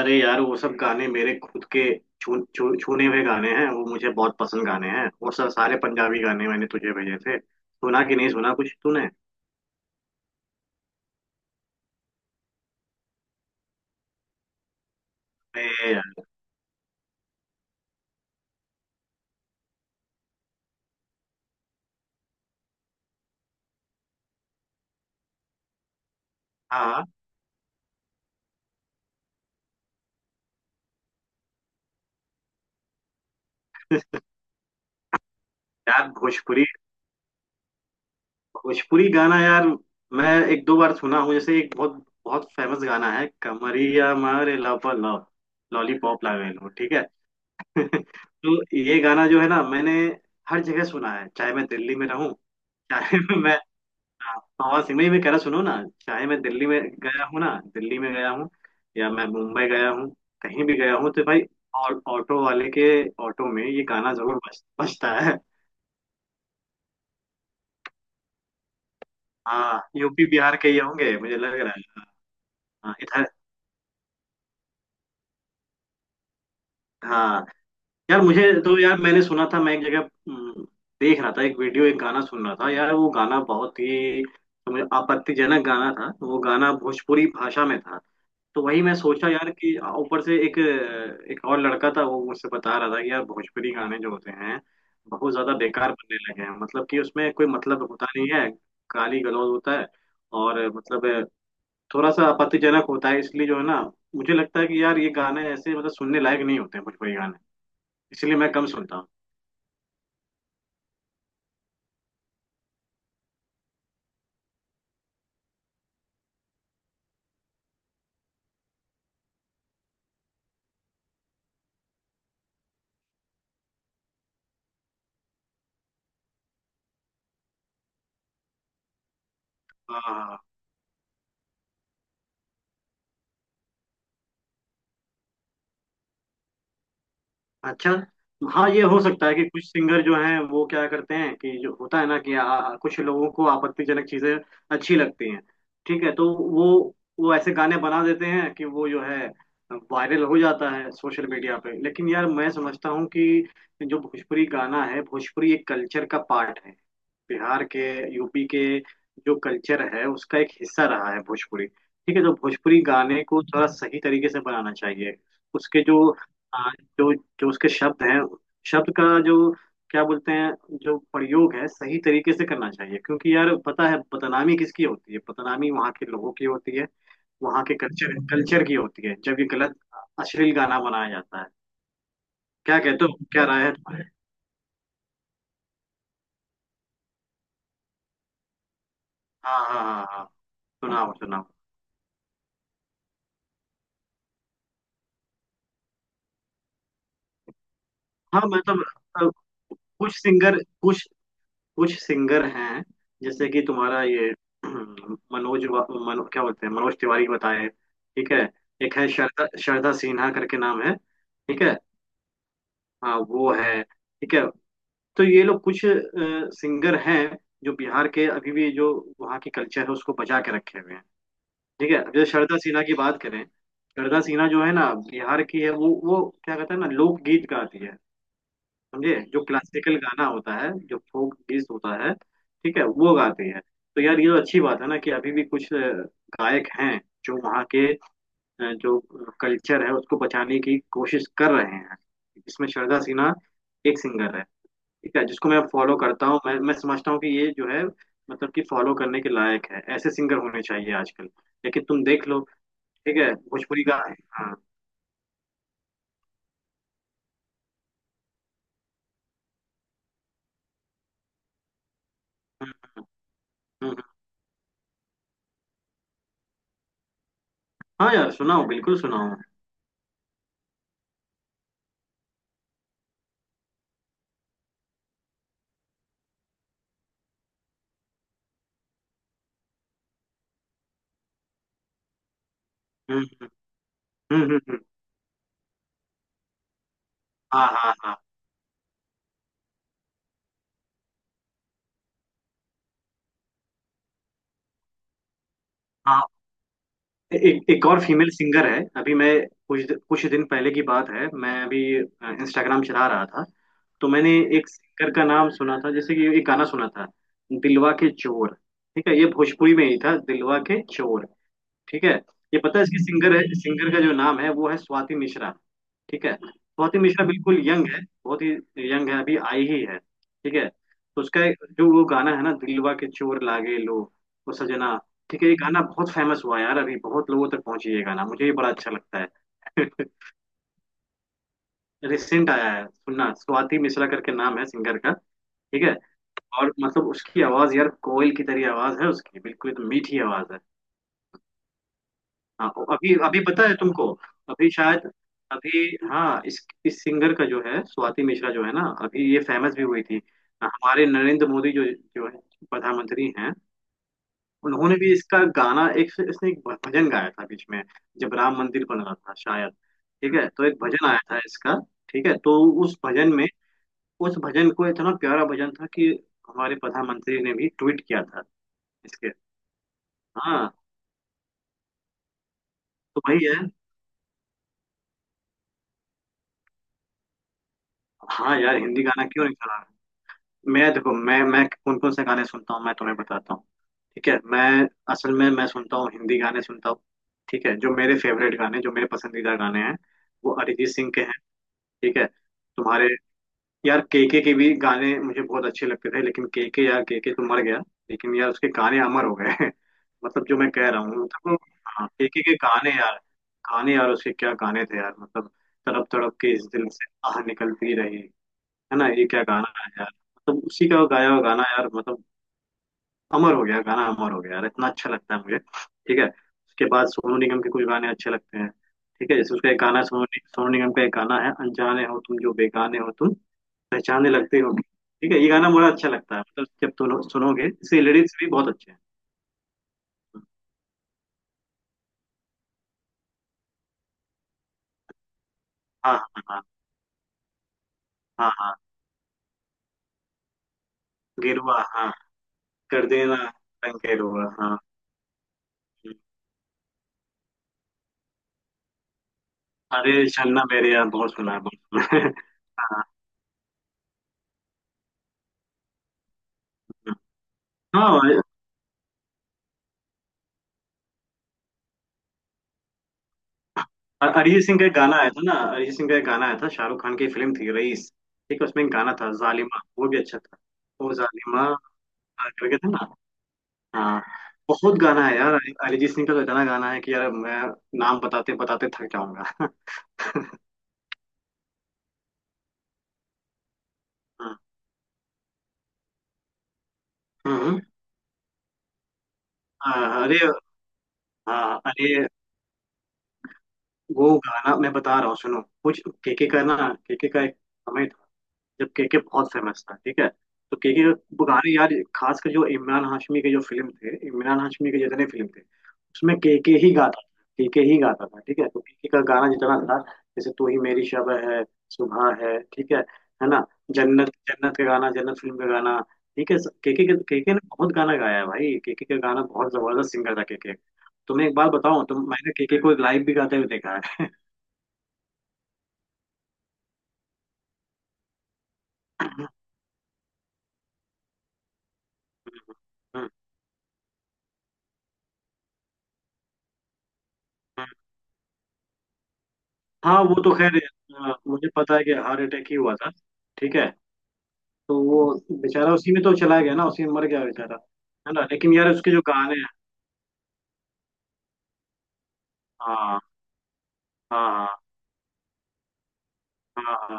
अरे यार, वो सब गाने मेरे खुद के छू, छू, छूने हुए गाने हैं। वो मुझे बहुत पसंद गाने हैं। वो सब सारे पंजाबी गाने मैंने तुझे भेजे थे, सुना कि नहीं सुना कुछ तूने? अरे यार। हाँ यार, भोजपुरी भोजपुरी गाना यार मैं एक दो बार सुना हूँ। जैसे एक बहुत बहुत फेमस गाना है, कमरिया मारे लप लप लॉलीपॉप लो, ठीक है। तो ये गाना जो है ना, मैंने हर जगह सुना है। चाहे मैं दिल्ली में रहूं, चाहे मैं, हाँ सिंह नहीं, मैं कह रहा, सुनो ना। चाहे मैं दिल्ली में गया हूँ ना, दिल्ली में गया हूँ, या मैं मुंबई गया हूँ, कहीं भी गया हूँ तो भाई ऑटो वाले के ऑटो में ये गाना जरूर बजता है। हाँ यूपी बिहार के ही होंगे, मुझे लग रहा है। हाँ इधर। हाँ यार, मुझे तो यार, मैंने सुना था, मैं एक जगह हम्म, देख रहा था एक वीडियो, एक गाना सुन रहा था यार। वो गाना बहुत ही समझ आपत्तिजनक गाना था, वो गाना भोजपुरी भाषा में था। तो वही मैं सोचा यार कि ऊपर से एक एक और लड़का था, वो मुझसे बता रहा था कि यार भोजपुरी गाने जो होते हैं बहुत ज्यादा बेकार बनने लगे हैं। मतलब कि उसमें कोई मतलब होता नहीं है, गाली गलौज होता है, और मतलब थोड़ा सा आपत्तिजनक होता है। इसलिए जो है ना, मुझे लगता है कि यार ये गाने ऐसे मतलब सुनने लायक नहीं होते हैं भोजपुरी गाने, इसलिए मैं कम सुनता हूँ। हाँ। अच्छा। हाँ ये हो सकता है कि कुछ सिंगर जो हैं वो क्या करते हैं कि जो होता है ना कि आ, आ- कुछ लोगों को आपत्तिजनक चीजें अच्छी लगती हैं, ठीक है। तो वो वो ऐसे गाने बना देते हैं कि वो जो है वायरल हो जाता है सोशल मीडिया पे। लेकिन यार मैं समझता हूँ कि जो भोजपुरी गाना है, भोजपुरी एक कल्चर का पार्ट है। बिहार के, यूपी के जो कल्चर है उसका एक हिस्सा रहा है भोजपुरी, ठीक है। तो भोजपुरी गाने को थोड़ा सही तरीके से बनाना चाहिए। उसके जो आ, जो जो उसके शब्द हैं, शब्द का जो क्या बोलते हैं जो प्रयोग है सही तरीके से करना चाहिए, क्योंकि यार पता है बदनामी किसकी होती है, बदनामी वहाँ के लोगों की होती है, वहाँ के कल्चर कल्चर की होती है जब ये गलत अश्लील गाना बनाया जाता है। क्या कहते हो, क्या राय है तुम्हारे? हाँ हाँ हाँ हाँ। सुनाओ सुनाओ। हाँ मतलब, कुछ सिंगर कुछ कुछ सिंगर हैं जैसे कि तुम्हारा ये क्या बोलते हैं, मनोज तिवारी बताए, ठीक है। एक है श्रद्धा श्रद्धा सिन्हा करके नाम है, ठीक है। हाँ वो है, ठीक है। तो ये लोग कुछ सिंगर हैं जो बिहार के अभी भी जो वहाँ की कल्चर है उसको बचा के रखे हुए हैं। ठीक है। अब जैसे श्रद्धा सिन्हा की बात करें, श्रद्धा सिन्हा जो है ना बिहार की है, वो क्या कहते हैं ना लोकगीत गाती है। समझे? जो क्लासिकल गाना होता है, जो फोक गीत होता है, ठीक है, वो गाते हैं। तो यार ये तो अच्छी बात है ना कि अभी भी कुछ गायक हैं जो वहाँ के जो कल्चर है उसको बचाने की कोशिश कर रहे हैं। इसमें श्रद्धा सिन्हा एक सिंगर है, ठीक है, जिसको मैं फॉलो करता हूँ। मैं समझता हूँ कि ये जो है मतलब कि फॉलो करने के लायक है, ऐसे सिंगर होने चाहिए आजकल। लेकिन तुम देख लो, ठीक है। भोजपुरी गा हाँ। हम्म, हम्म, हम्म। हाँ यार, सुनाओ बिल्कुल सुनाओ। हम्म हम्म हम्म, हम्म। हाँ हाँ हाँ हाँ। एक एक और फीमेल सिंगर है। अभी मैं कुछ कुछ दिन पहले की बात है, मैं अभी इंस्टाग्राम चला रहा था, तो मैंने एक सिंगर का नाम सुना था, जैसे कि एक गाना सुना था, दिलवा के चोर, ठीक है, ये भोजपुरी में ही था, दिलवा के चोर, ठीक है। ये पता है इसकी सिंगर है, सिंगर का जो नाम है वो है स्वाति मिश्रा, ठीक है। स्वाति मिश्रा बिल्कुल यंग है, बहुत ही यंग है, अभी आई ही है, ठीक है। तो उसका जो वो गाना है ना, दिलवा के चोर लागे लो वो सजना, ठीक है, ये गाना बहुत फेमस हुआ है यार, अभी बहुत लोगों तक पहुंची ये गाना, मुझे ये बड़ा अच्छा लगता है। रिसेंट आया है, सुनना, स्वाति मिश्रा करके नाम है सिंगर का, ठीक है। और मतलब उसकी आवाज यार कोयल की तरह आवाज है उसकी, बिल्कुल एकदम मीठी आवाज है। हाँ अभी अभी पता है तुमको, अभी शायद अभी, हाँ। इस सिंगर का जो है स्वाति मिश्रा जो है ना, अभी ये फेमस भी हुई थी। हमारे नरेंद्र मोदी जो जो है प्रधानमंत्री हैं, उन्होंने भी इसका गाना, एक इसने एक भजन गाया था बीच में, जब राम मंदिर बन रहा था शायद, ठीक है, तो एक भजन आया था इसका, ठीक है। तो उस भजन में, उस भजन को इतना प्यारा भजन था कि हमारे प्रधानमंत्री ने भी ट्वीट किया था इसके। हाँ तो वही है। हाँ यार हिंदी गाना क्यों नहीं चला। मैं देखो, मैं कौन कौन से गाने सुनता हूँ मैं तुम्हें बताता हूँ, ठीक है। मैं असल में मैं सुनता हूँ, हिंदी गाने सुनता हूँ, ठीक है। जो मेरे फेवरेट गाने, जो मेरे पसंदीदा गाने हैं वो अरिजीत सिंह के हैं, ठीक है। तुम्हारे, यार केके के भी गाने मुझे बहुत अच्छे लगते थे, लेकिन केके, यार केके तो मर गया, लेकिन यार उसके गाने अमर हो गए। मतलब जो मैं कह रहा हूँ, मतलब वो- हाँ केके के गाने यार, गाने यार उसके, क्या गाने थे यार मतलब, तड़प तड़प के इस दिल से आह निकलती रही, है ना, ये क्या गाना है यार, मतलब उसी का गाया हुआ गाना यार मतलब, अमर हो गया गाना अमर हो गया यार, इतना अच्छा लगता है मुझे, ठीक है। उसके बाद सोनू निगम के कुछ गाने अच्छे लगते हैं, ठीक है, जैसे उसका एक गाना है, सोनू निगम का एक गाना है, अनजाने हो तुम, जो बेगाने हो तुम, पहचानने लगते हो, ठीक है, ये गाना बड़ा अच्छा लगता है, मतलब जब तुम सुनोगे इसके लिरिक्स भी बहुत अच्छे हैं। हाँ हाँ हाँ हाँ हाँ। गिरुआ हाँ, कर देना रंग गिरुआ हाँ। अरे छन्ना मेरे यार बहुत सुना है, बहुत सुना है। हाँ हाँ हाँ। अरिजीत सिंह का एक गाना आया था ना, अरिजीत सिंह का एक गाना आया था, शाहरुख खान की फिल्म थी रईस, ठीक है, उसमें एक गाना था जालिमा, वो भी अच्छा था। वो जालिमा करके था ना, हाँ। बहुत गाना है यार, अरिजीत सिंह का तो इतना गाना है कि यार मैं नाम बताते बताते थक जाऊंगा। हाँ, हम्म, हाँ, अरे, हाँ, अरे वो गाना मैं बता रहा हूँ सुनो कुछ, केके का ना, केके का एक समय था जब केके बहुत फेमस था, ठीक है, तो केके वो गाने यार, खासकर जो इमरान हाशमी के जो फिल्म थे, इमरान हाशमी के जितने फिल्म थे उसमें केके ही गाता था, केके ही गाता था, ठीक है, तो केके का गाना जितना था, जैसे तू ही मेरी शब है, सुबह है, ठीक है ना, जन्नत, जन्नत का गाना, जन्नत फिल्म का गाना, ठीक है। केके केके ने बहुत गाना गाया है भाई, केके का गाना बहुत जबरदस्त सिंगर था केके। तुम्हें एक बात बताऊं, तो मैंने केके को लाइव भी गाते हुए देखा है। हाँ वो तो खैर, मुझे पता है कि हार्ट अटैक ही हुआ था, ठीक है, तो वो बेचारा उसी में तो चला गया ना, उसी में मर गया बेचारा, है ना, लेकिन यार उसके जो गाने हैं। हाँ हाँ हाँ हाँ हाँ।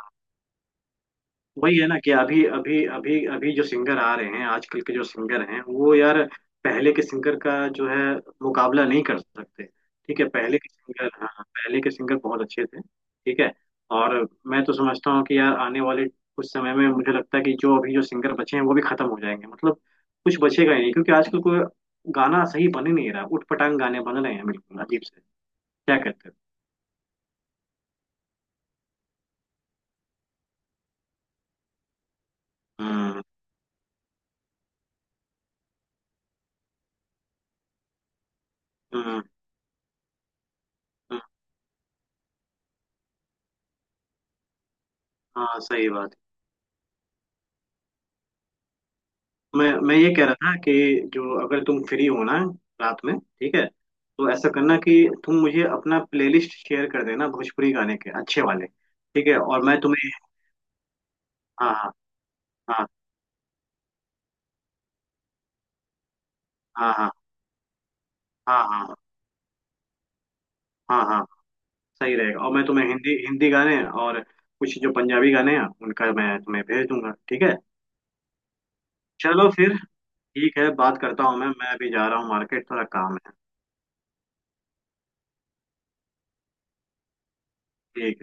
वही है ना कि अभी अभी अभी अभी जो सिंगर आ रहे हैं आजकल के, जो सिंगर हैं वो यार पहले के सिंगर का जो है मुकाबला नहीं कर सकते, ठीक है, पहले के सिंगर, हाँ, पहले के सिंगर बहुत अच्छे थे, ठीक है। और मैं तो समझता हूँ कि यार आने वाले कुछ समय में मुझे लगता है कि जो अभी जो सिंगर बचे हैं वो भी खत्म हो जाएंगे, मतलब कुछ बचेगा ही नहीं, क्योंकि आजकल कोई गाना सही बन ही नहीं रहा, उटपटांग गाने बन रहे हैं बिल्कुल अजीब से, क्या कहते हो। हम्म हम्म हम्म, हाँ सही बात। मैं ये कह रहा था कि जो अगर तुम फ्री हो ना रात में, ठीक है, तो ऐसा करना कि तुम मुझे अपना प्लेलिस्ट शेयर कर देना, भोजपुरी गाने के अच्छे वाले, ठीक है, और मैं तुम्हें हाँ हाँ हाँ हाँ हाँ हाँ हाँ हाँ हाँ सही रहेगा, और मैं तुम्हें हिंदी हिंदी गाने और कुछ जो पंजाबी गाने हैं उनका मैं तुम्हें भेज दूंगा, ठीक है। चलो फिर, ठीक है, बात करता हूँ, मैं अभी जा रहा हूँ मार्केट, थोड़ा काम है। ठीक।